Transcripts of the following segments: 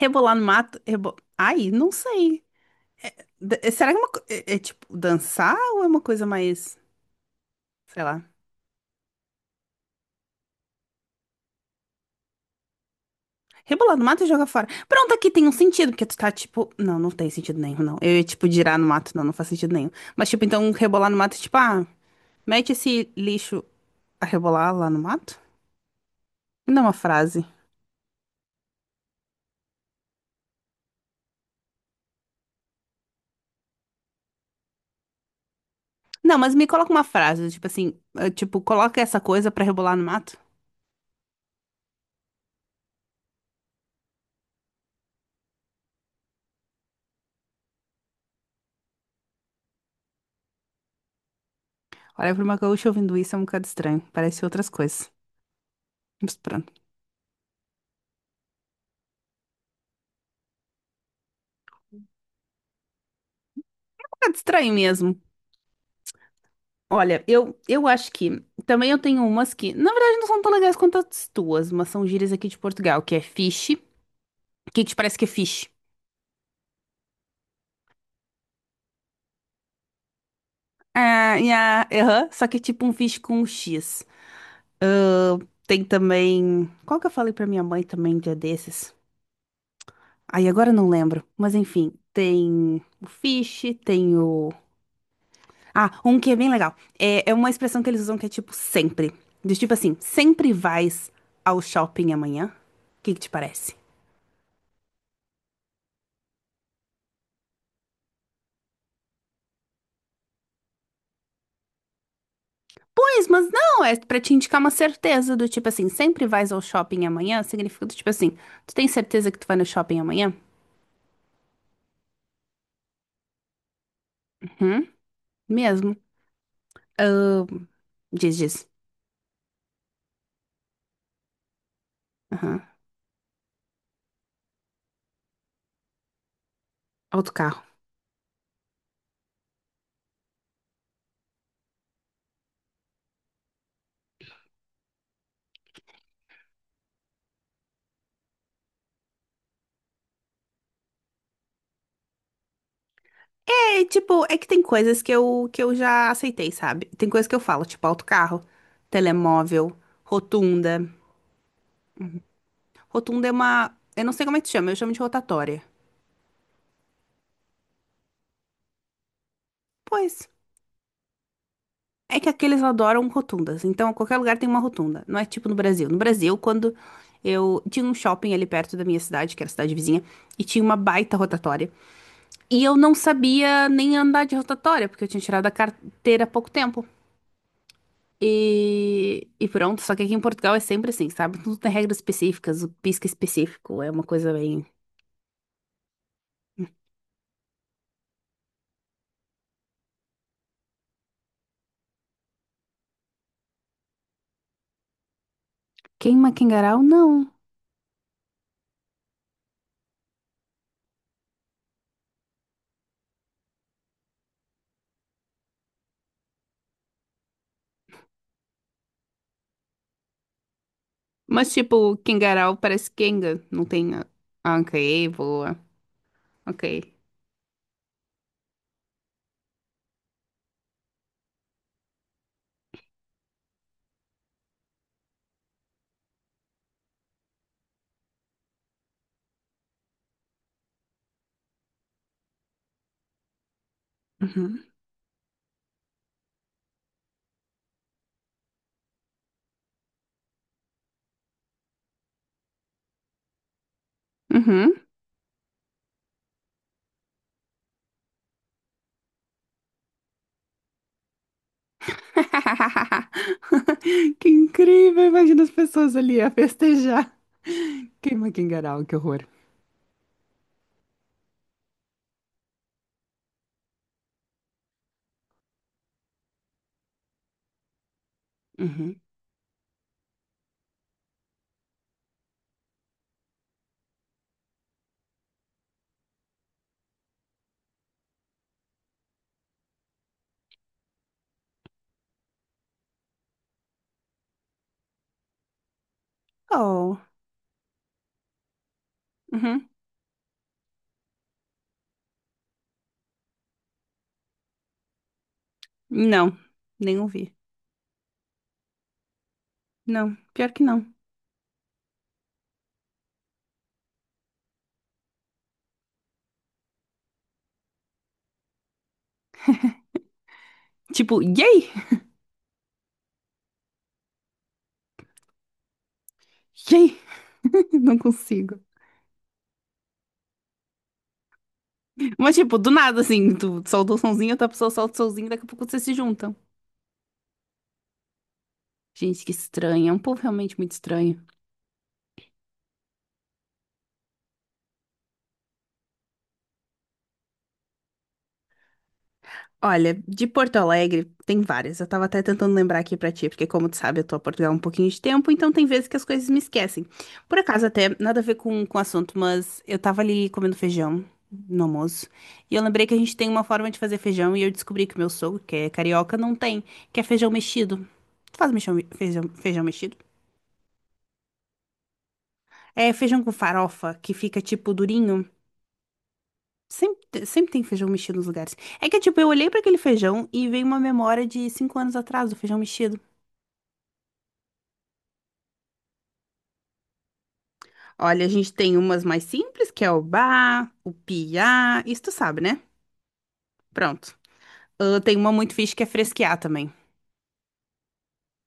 Rebolar no mato? Ai, não sei. Será que é, é tipo dançar ou é uma coisa mais, sei lá. Rebolar no mato e jogar fora. Pronto, aqui tem um sentido, porque tu tá tipo. Não, não tem sentido nenhum, não. Eu ia tipo girar no mato, não, não faz sentido nenhum. Mas tipo, então rebolar no mato é tipo, ah, mete esse lixo a rebolar lá no mato? Não, é uma frase. Não, mas me coloca uma frase, tipo assim, tipo, coloca essa coisa pra rebolar no mato. Olha, pra uma gaúcha ouvindo isso é um bocado estranho. Parece outras coisas. Mas pronto. Um bocado estranho mesmo. Olha, eu acho que também eu tenho umas que, na verdade, não são tão legais quanto as tuas, mas são gírias aqui de Portugal, que é fish, que te parece que é fish. Aham, só que é tipo um fish com um X. Ah, tem também. Qual que eu falei pra minha mãe também um dia desses? Aí agora eu não lembro, mas enfim, tem o fish, tem o. Ah, um que é bem legal. É, é uma expressão que eles usam que é tipo sempre. Do tipo assim, sempre vais ao shopping amanhã? O que que te parece? Pois, mas não, é pra te indicar uma certeza do tipo assim, sempre vais ao shopping amanhã, significa do tipo assim, tu tens certeza que tu vai no shopping amanhã? Uhum, mesmo. Ah, diz, diz. Aham, autocarro. É, tipo, é que tem coisas que eu já aceitei, sabe? Tem coisas que eu falo, tipo autocarro, telemóvel, rotunda. Rotunda é uma, eu não sei como é que se chama, eu chamo de rotatória. Pois. É que aqui eles adoram rotundas, então qualquer lugar tem uma rotunda. Não é tipo no Brasil. No Brasil, quando eu tinha um shopping ali perto da minha cidade, que era a cidade vizinha, e tinha uma baita rotatória. E eu não sabia nem andar de rotatória, porque eu tinha tirado a carteira há pouco tempo. E pronto, só que aqui em Portugal é sempre assim, sabe? Tudo tem regras específicas, o pisca específico é uma coisa bem. Queima Kengarau? Não. Mas tipo, Kengarau parece Kenga, não tem a anca e voa. Ok. Uhum. Uhum. Que incrível! Imagina as pessoas ali a festejar. Queima Kingarau, que horror. Uhum. Oh. Uhum. Não, nem ouvi. Não, pior que não. Tipo, yay! Yay! Não consigo. Mas, tipo, do nada, assim, tu solta o sonzinho, outra pessoa solta o sonzinho, daqui a pouco vocês se juntam. Gente, que estranho. É um povo realmente muito estranho. Olha, de Porto Alegre tem várias. Eu tava até tentando lembrar aqui pra ti, porque como tu sabe, eu tô a Portugal há um pouquinho de tempo, então tem vezes que as coisas me esquecem. Por acaso até nada a ver com o assunto, mas eu tava ali comendo feijão no almoço, e eu lembrei que a gente tem uma forma de fazer feijão e eu descobri que o meu sogro, que é carioca, não tem, que é feijão mexido. Tu faz feijão mexido? É feijão com farofa que fica tipo durinho. Sempre tem feijão mexido nos lugares. É que, tipo, eu olhei pra aquele feijão e veio uma memória de 5 anos atrás do feijão mexido. Olha, a gente tem umas mais simples, que é o ba, o piá, isso tu sabe, né? Pronto. Ah, tem uma muito fixe que é fresquear também.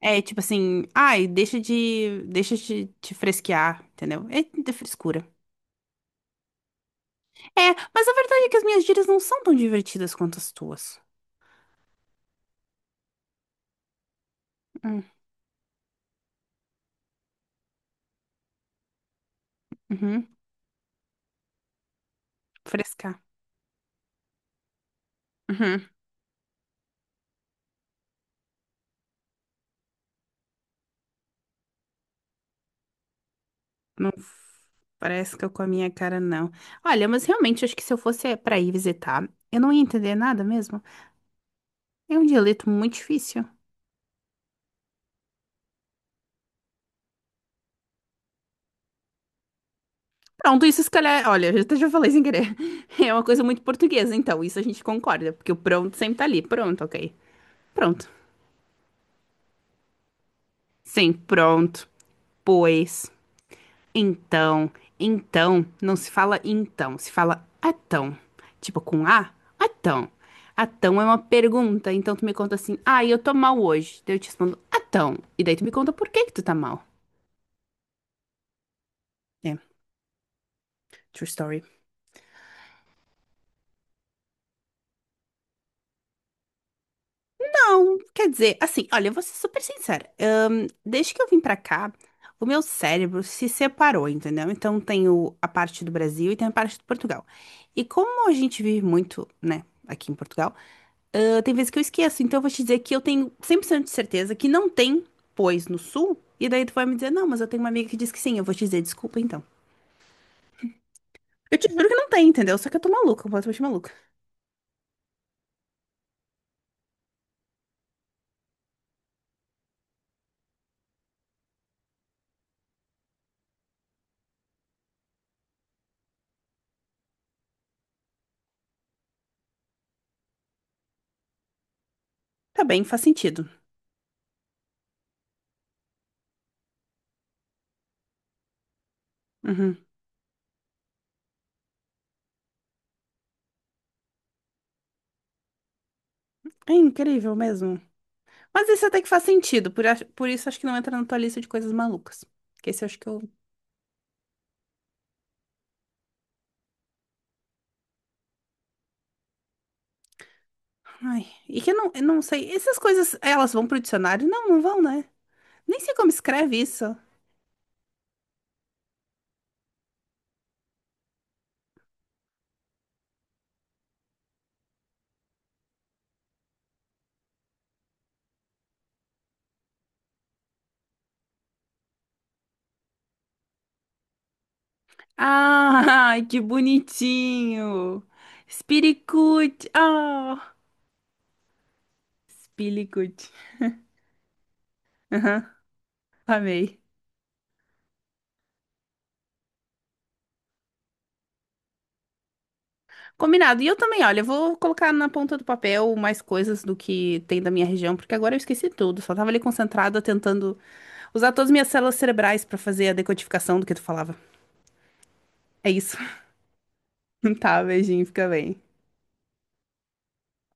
É tipo assim, ai, deixa de te fresquear, entendeu? É de frescura. É, mas a verdade é que as minhas gírias não são tão divertidas quanto as tuas. Hum, uhum, frescar. Uhum. Não fresca com a minha cara, não. Olha, mas realmente, acho que se eu fosse pra ir visitar, eu não ia entender nada mesmo. É um dialeto muito difícil. Pronto, isso se calhar, olha, eu até já falei sem querer. É uma coisa muito portuguesa, então, isso a gente concorda, porque o pronto sempre tá ali. Pronto, ok. Pronto. Sim, pronto. Pois, então, então, não se fala então, se fala atão. Tipo com A, atão. Atão é uma pergunta, então tu me conta assim, ah, eu tô mal hoje. Daí eu te respondo, atão. E daí tu me conta por que que tu tá mal. É, true story. Não, quer dizer, assim, olha, eu vou ser super sincera. Desde que eu vim pra cá, o meu cérebro se separou, entendeu? Então tem a parte do Brasil e tem a parte de Portugal. E como a gente vive muito, né, aqui em Portugal, ah, tem vezes que eu esqueço. Então eu vou te dizer que eu tenho 100% de certeza que não tem pois no sul. E daí tu vai me dizer, não, mas eu tenho uma amiga que diz que sim. Eu vou te dizer, desculpa então. Eu te juro que não tem, entendeu? Só que eu tô maluca, completamente maluca. Tá bem, faz sentido. Uhum. É incrível mesmo. Mas esse até que faz sentido, por isso acho que não entra na tua lista de coisas malucas. Que esse eu acho que eu. Ai. E que eu não sei. Essas coisas, elas vão pro dicionário? Não, não vão, né? Nem sei como escreve isso. Ah, que bonitinho! Espiricute! Ah! Espiricute. Aham, amei. Combinado. E eu também, olha, eu vou colocar na ponta do papel mais coisas do que tem da minha região, porque agora eu esqueci tudo. Só tava ali concentrada tentando usar todas as minhas células cerebrais pra fazer a decodificação do que tu falava. É isso. Tá, beijinho, fica bem.